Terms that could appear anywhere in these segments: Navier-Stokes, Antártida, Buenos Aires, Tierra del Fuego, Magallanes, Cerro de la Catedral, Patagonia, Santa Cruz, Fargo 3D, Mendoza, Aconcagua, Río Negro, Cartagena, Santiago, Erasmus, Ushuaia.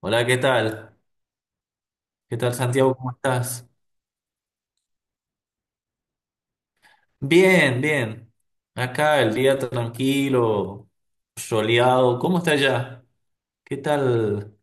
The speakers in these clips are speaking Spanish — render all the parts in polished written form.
Hola, ¿qué tal? ¿Qué tal, Santiago? ¿Cómo estás? Bien, bien. Acá el día tranquilo, soleado. ¿Cómo está allá? ¿Qué tal?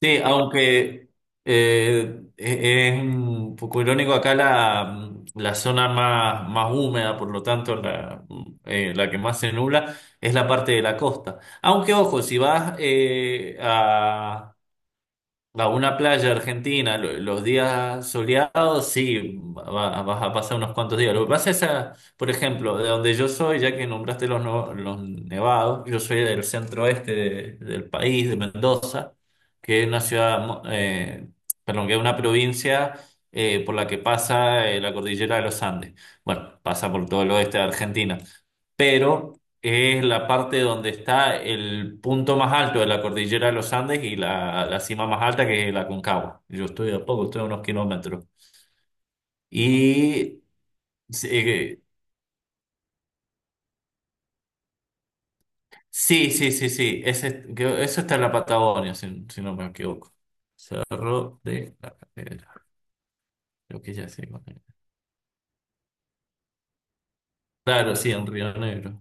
Sí, aunque es un poco irónico acá la zona más, más húmeda, por lo tanto la que más se nubla es la parte de la costa. Aunque ojo, si vas a una playa argentina, los días soleados, sí, vas a pasar unos cuantos días. Lo que pasa es, por ejemplo, de donde yo soy, ya que nombraste los, no- los nevados, yo soy del centro oeste del país, de Mendoza, que es una ciudad, perdón, que es una provincia por la que pasa la cordillera de los Andes. Bueno, pasa por todo el oeste de Argentina. Pero es la parte donde está el punto más alto de la cordillera de los Andes y la cima más alta, que es la Aconcagua. Yo estoy a poco, estoy a unos kilómetros. Y sí, sí, sí, sí, sí, ese, eso está en la Patagonia, si, si no me equivoco. Cerro de la Catedral, creo que ya sé cuál es. Claro, sí, en Río Negro.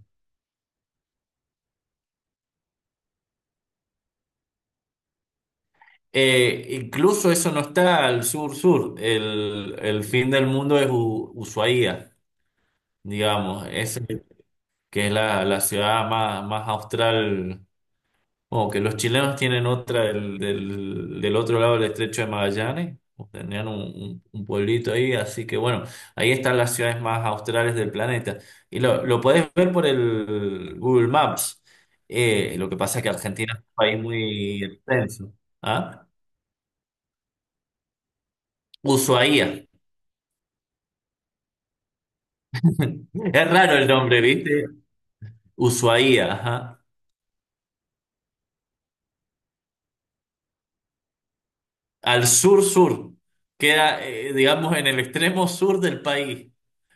Incluso eso no está al sur-sur. El fin del mundo es Ushuaia, digamos. Es que es la, la ciudad más, más austral, o que los chilenos tienen otra del otro lado del estrecho de Magallanes, o tenían un pueblito ahí, así que bueno, ahí están las ciudades más australes del planeta. Y lo podés ver por el Google Maps. Lo que pasa es que Argentina es un país muy extenso. ¿Ah? Ushuaía. Es raro el nombre, ¿viste? Ushuaía, ajá. Al sur-sur. Queda, digamos, en el extremo sur del país,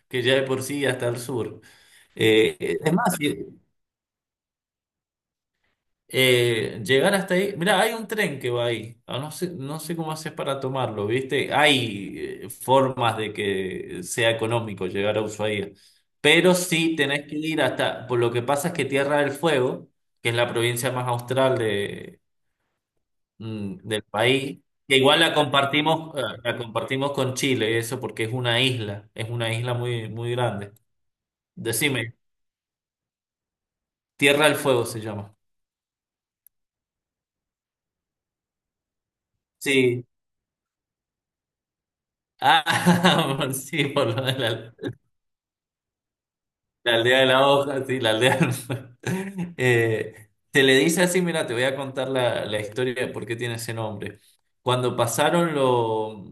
que ya de por sí hasta el sur. Es más, si, llegar hasta ahí, mira, hay un tren que va ahí. Ah, no sé, no sé cómo haces para tomarlo, ¿viste? Hay formas de que sea económico llegar a Ushuaia, pero sí tenés que ir hasta, por lo que pasa es que Tierra del Fuego, que es la provincia más austral del país, que igual la compartimos con Chile, eso porque es una isla muy, muy grande. Decime, Tierra del Fuego se llama. Sí. Ah, sí, por lo de la, la aldea de la hoja, sí, la aldea. Se le dice así, mira, te voy a contar la historia de por qué tiene ese nombre. Cuando pasaron lo,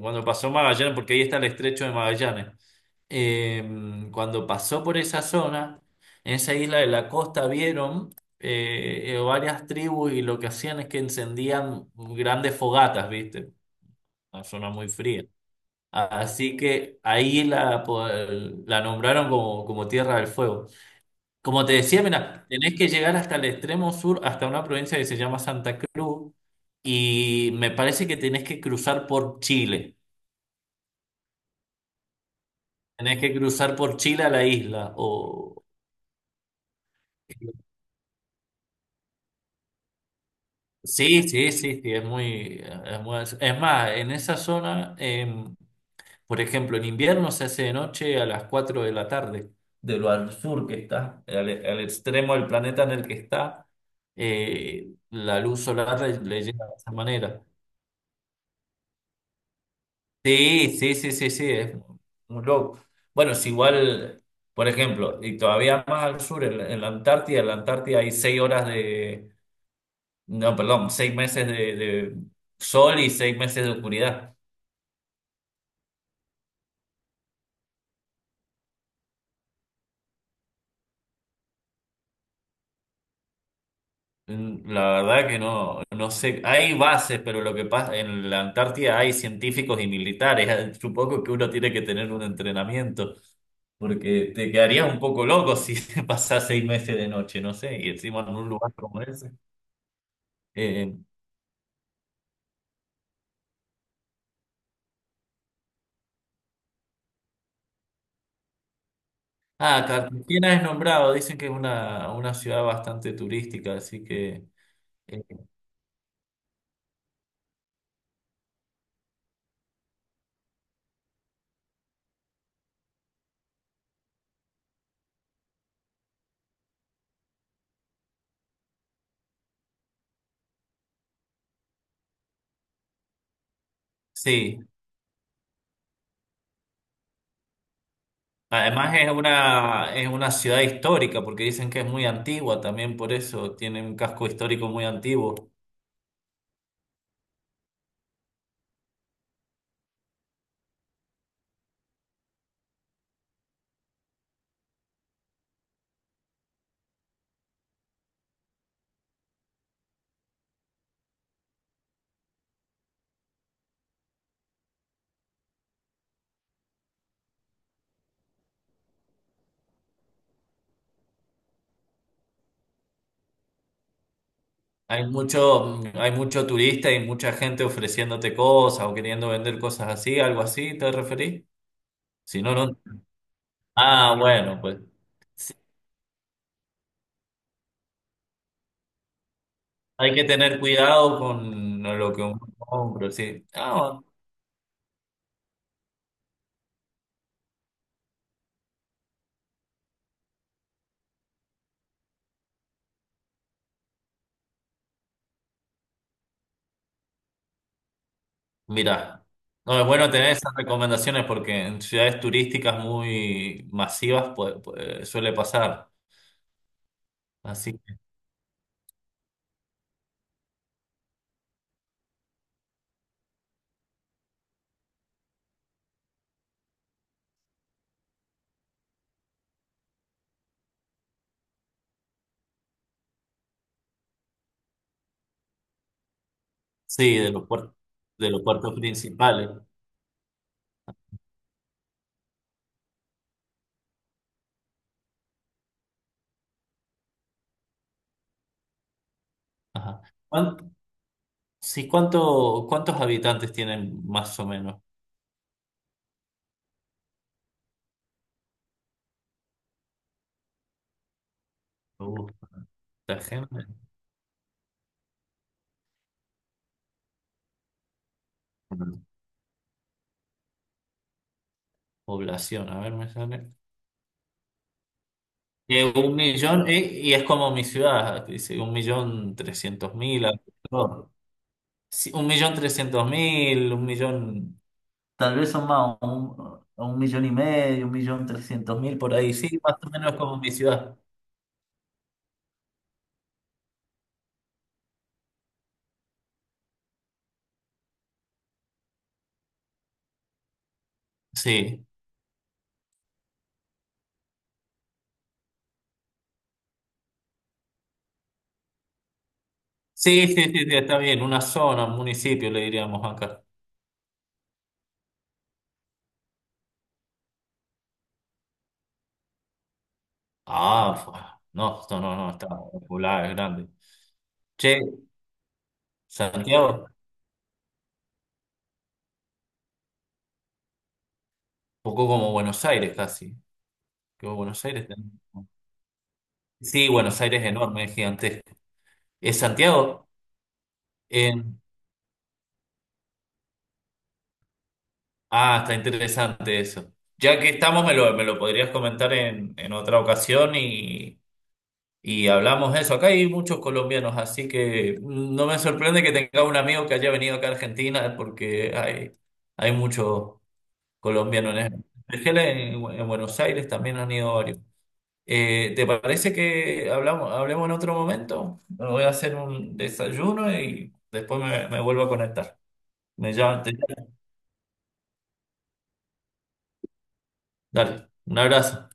Cuando pasó Magallanes, porque ahí está el estrecho de Magallanes, eh, cuando pasó por esa zona, en esa isla de la costa vieron varias tribus, y lo que hacían es que encendían grandes fogatas, ¿viste? Una zona muy fría. Así que ahí la, la nombraron como, como Tierra del Fuego. Como te decía, mira, tenés que llegar hasta el extremo sur, hasta una provincia que se llama Santa Cruz, y me parece que tenés que cruzar por Chile. Tenés que cruzar por Chile a la isla. O... sí, sí, sí, sí, es muy, es más, en esa zona. Por ejemplo, en invierno se hace de noche a las 4 de la tarde, de lo al sur que está, al extremo del planeta en el que está, la luz solar le llega de esa manera. Sí, sí, sí, sí, sí, es un loco. Bueno, es igual, por ejemplo, y todavía más al sur, en la Antártida hay 6 horas de, no, perdón, 6 meses de sol y 6 meses de oscuridad. Mm, la verdad que no, no sé, hay bases, pero lo que pasa en la Antártida hay científicos y militares. Supongo que uno tiene que tener un entrenamiento, porque te quedarías un poco loco si pasas 6 meses de noche, no sé, y encima en un lugar como ese. Eh, Cartagena es nombrado, dicen que es una ciudad bastante turística, así que eh, sí. Además es una ciudad histórica, porque dicen que es muy antigua también, por eso tiene un casco histórico muy antiguo. Hay mucho turista y mucha gente ofreciéndote cosas o queriendo vender cosas así, algo así, ¿te referís? Si no, no. Ah, bueno, pues sí, hay que tener cuidado con lo que uno compra, sí. Ah, mira, no, es bueno tener esas recomendaciones porque en ciudades turísticas muy masivas pues, pues, suele pasar. Así que sí, de los puertos principales. Ajá. ¿Cuán- sí, cuánto, ¿cuántos habitantes tienen más o menos? Uh. Cartagena, población, a ver, me sale. Que un millón, y es como mi ciudad, que dice 1.300.000, alrededor. Sí, 1.300.000, un millón, tal vez son más, un millón y medio, 1.300.000, por ahí, sí, más o menos como mi ciudad. Sí, sí, sí, sí, sí, está bien, una zona, un municipio, le diríamos acá. Ah, no, no, no, no, está popular, es grande. Che, Santiago, un poco como Buenos Aires casi. Que Buenos Aires también. Sí, Buenos Aires es enorme, es gigantesco. ¿Es Santiago? En- Ah, está interesante eso. Ya que estamos, me lo podrías comentar en otra ocasión y hablamos de eso. Acá hay muchos colombianos, así que no me sorprende que tenga un amigo que haya venido acá a Argentina, porque hay muchos colombianos en Buenos Aires también han ido varios. ¿Te parece que hablamos, hablemos en otro momento? Me voy a hacer un desayuno y después me, me vuelvo a conectar. Me llama- te- Dale, un abrazo.